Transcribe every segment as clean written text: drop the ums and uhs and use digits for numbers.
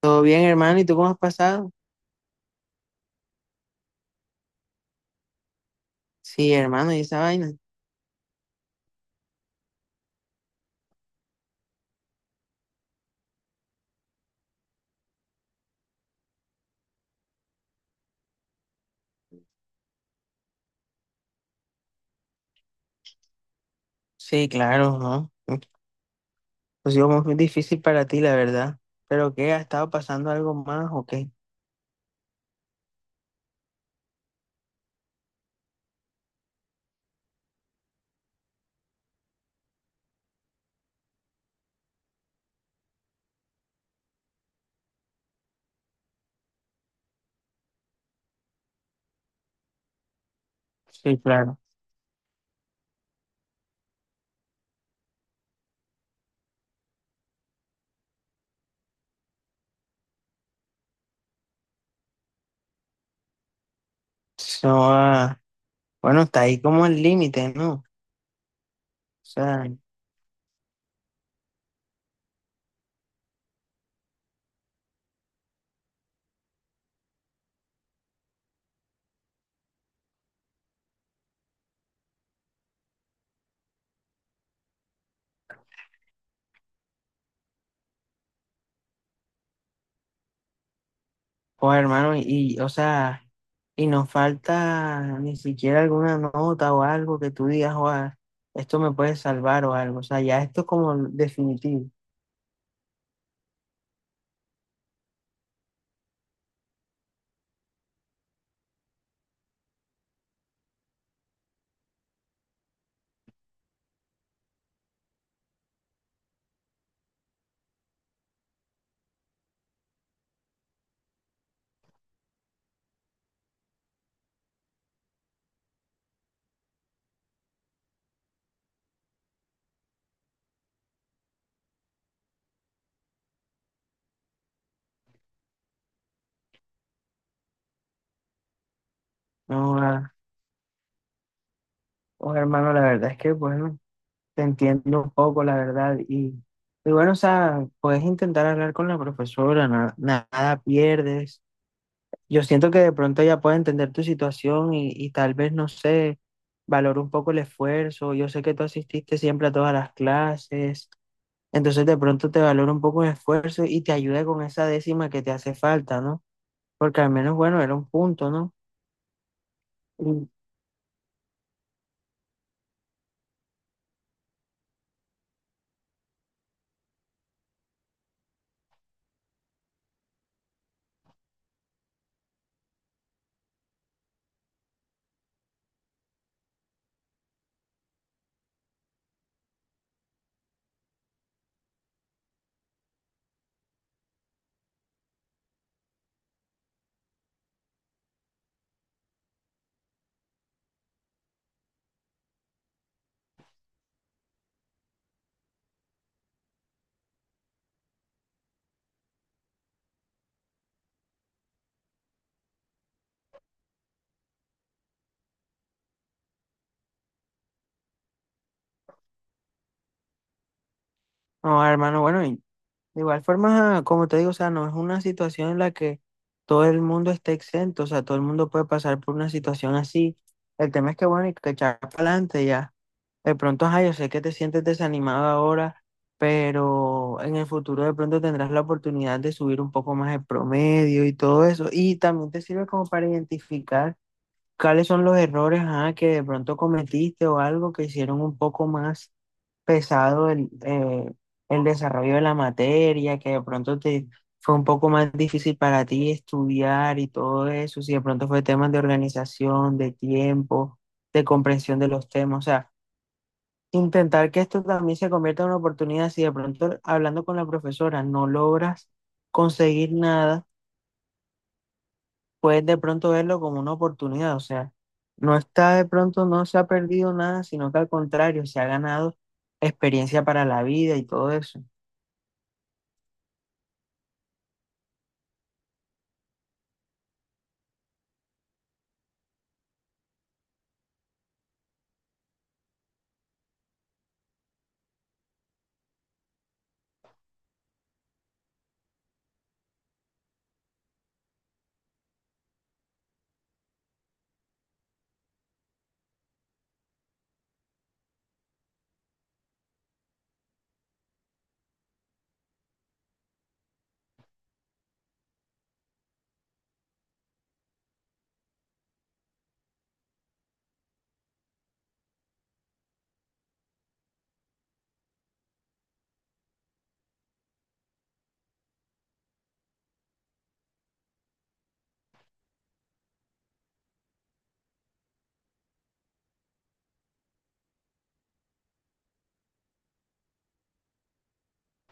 Todo bien, hermano, ¿y tú cómo has pasado? Sí, hermano, ¿y esa vaina? Sí, claro, ¿no? Ha sido muy difícil para ti, la verdad. ¿Pero qué? ¿Ha estado pasando algo más o qué? Sí, claro. No, bueno, está ahí como el límite, ¿no? O sea, pues hermano, o sea, y nos falta ni siquiera alguna nota o algo que tú digas, o esto me puede salvar o algo. O sea, ya esto es como definitivo. No, pues hermano, la verdad es que, bueno, te entiendo un poco, la verdad. Y bueno, o sea, puedes intentar hablar con la profesora, nada pierdes. Yo siento que de pronto ella puede entender tu situación y tal vez, no sé, valore un poco el esfuerzo. Yo sé que tú asististe siempre a todas las clases, entonces de pronto te valora un poco el esfuerzo y te ayuda con esa décima que te hace falta, ¿no? Porque al menos, bueno, era un punto, ¿no? Y, no, hermano, bueno, de igual forma, como te digo, o sea, no es una situación en la que todo el mundo esté exento, o sea, todo el mundo puede pasar por una situación así. El tema es que, bueno, hay que echar para adelante ya. De pronto, ajá, yo sé que te sientes desanimado ahora, pero en el futuro de pronto tendrás la oportunidad de subir un poco más el promedio y todo eso. Y también te sirve como para identificar cuáles son los errores, ajá, que de pronto cometiste o algo que hicieron un poco más pesado el desarrollo de la materia, que de pronto te fue un poco más difícil para ti estudiar y todo eso, si de pronto fue temas de organización, de tiempo, de comprensión de los temas, o sea, intentar que esto también se convierta en una oportunidad, si de pronto hablando con la profesora no logras conseguir nada, puedes de pronto verlo como una oportunidad, o sea, no está de pronto, no se ha perdido nada, sino que al contrario, se ha ganado experiencia para la vida y todo eso.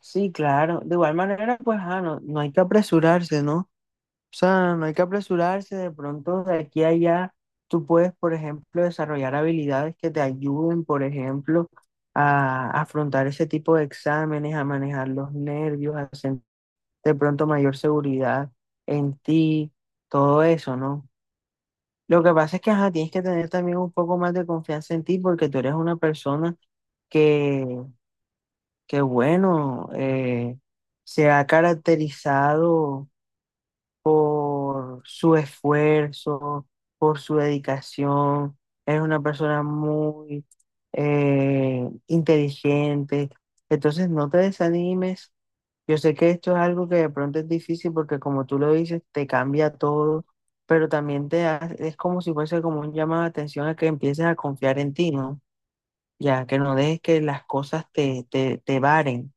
Sí, claro. De igual manera, pues, no, no hay que apresurarse, ¿no? O sea, no hay que apresurarse. De pronto, de aquí a allá, tú puedes, por ejemplo, desarrollar habilidades que te ayuden, por ejemplo, a afrontar ese tipo de exámenes, a manejar los nervios, a sentir de pronto mayor seguridad en ti, todo eso, ¿no? Lo que pasa es que, ajá, tienes que tener también un poco más de confianza en ti porque tú eres una persona que bueno, se ha caracterizado por su esfuerzo, por su dedicación. Es una persona muy inteligente. Entonces, no te desanimes. Yo sé que esto es algo que de pronto es difícil porque como tú lo dices, te cambia todo, pero también es como si fuese como un llamado de atención a que empieces a confiar en ti, ¿no? Ya, que no dejes que las cosas te varen.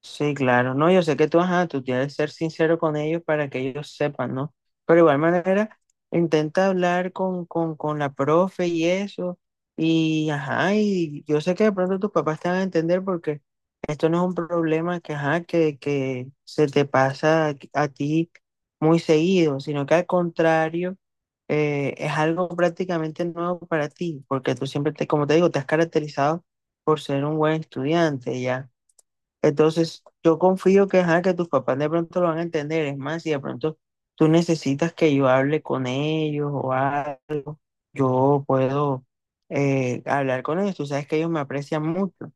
Sí, claro, no, yo sé que tú, ajá, tú tienes que ser sincero con ellos para que ellos sepan, ¿no? Pero de igual manera, intenta hablar con la profe y eso, y ajá, y yo sé que de pronto tus papás te van a entender porque esto no es un problema que, ajá, que se te pasa a ti muy seguido, sino que al contrario, es algo prácticamente nuevo para ti, porque tú siempre, te, como te digo, te has caracterizado por ser un buen estudiante, ¿ya? Entonces, yo confío que, ajá, que tus papás de pronto lo van a entender. Es más, si de pronto tú necesitas que yo hable con ellos o algo, yo puedo hablar con ellos. Tú sabes que ellos me aprecian mucho.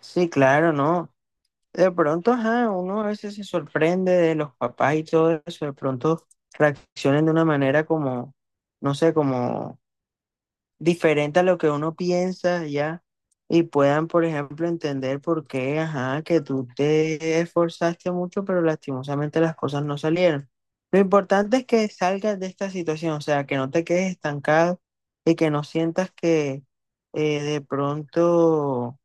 Sí, claro, ¿no? De pronto, ajá, uno a veces se sorprende de los papás y todo eso. De pronto reaccionen de una manera como, no sé, como diferente a lo que uno piensa ya y puedan, por ejemplo, entender por qué, ajá, que tú te esforzaste mucho, pero lastimosamente las cosas no salieron. Lo importante es que salgas de esta situación, o sea, que no te quedes estancado y que no sientas que de pronto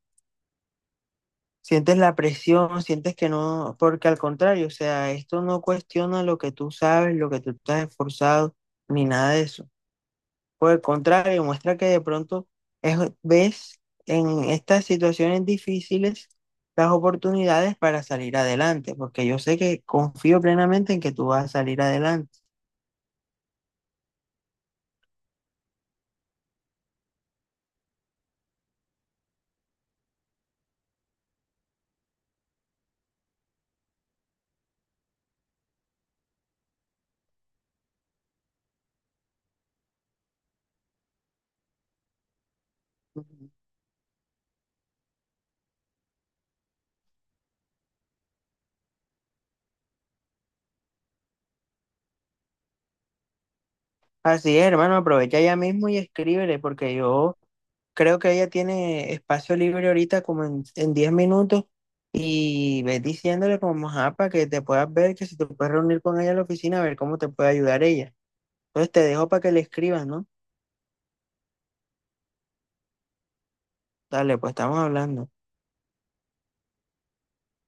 sientes la presión, sientes que no, porque al contrario, o sea, esto no cuestiona lo que tú sabes, lo que tú estás esforzado, ni nada de eso. Por el contrario, muestra que de pronto ves en estas situaciones difíciles las oportunidades para salir adelante, porque yo sé que confío plenamente en que tú vas a salir adelante. Ujú. Así es, hermano, aprovecha ya mismo y escríbele, porque yo creo que ella tiene espacio libre ahorita como en 10 minutos y ves diciéndole como, ajá, para que te puedas ver, que si te puedes reunir con ella en la oficina, a ver cómo te puede ayudar ella. Entonces te dejo para que le escribas, ¿no? Dale, pues estamos hablando.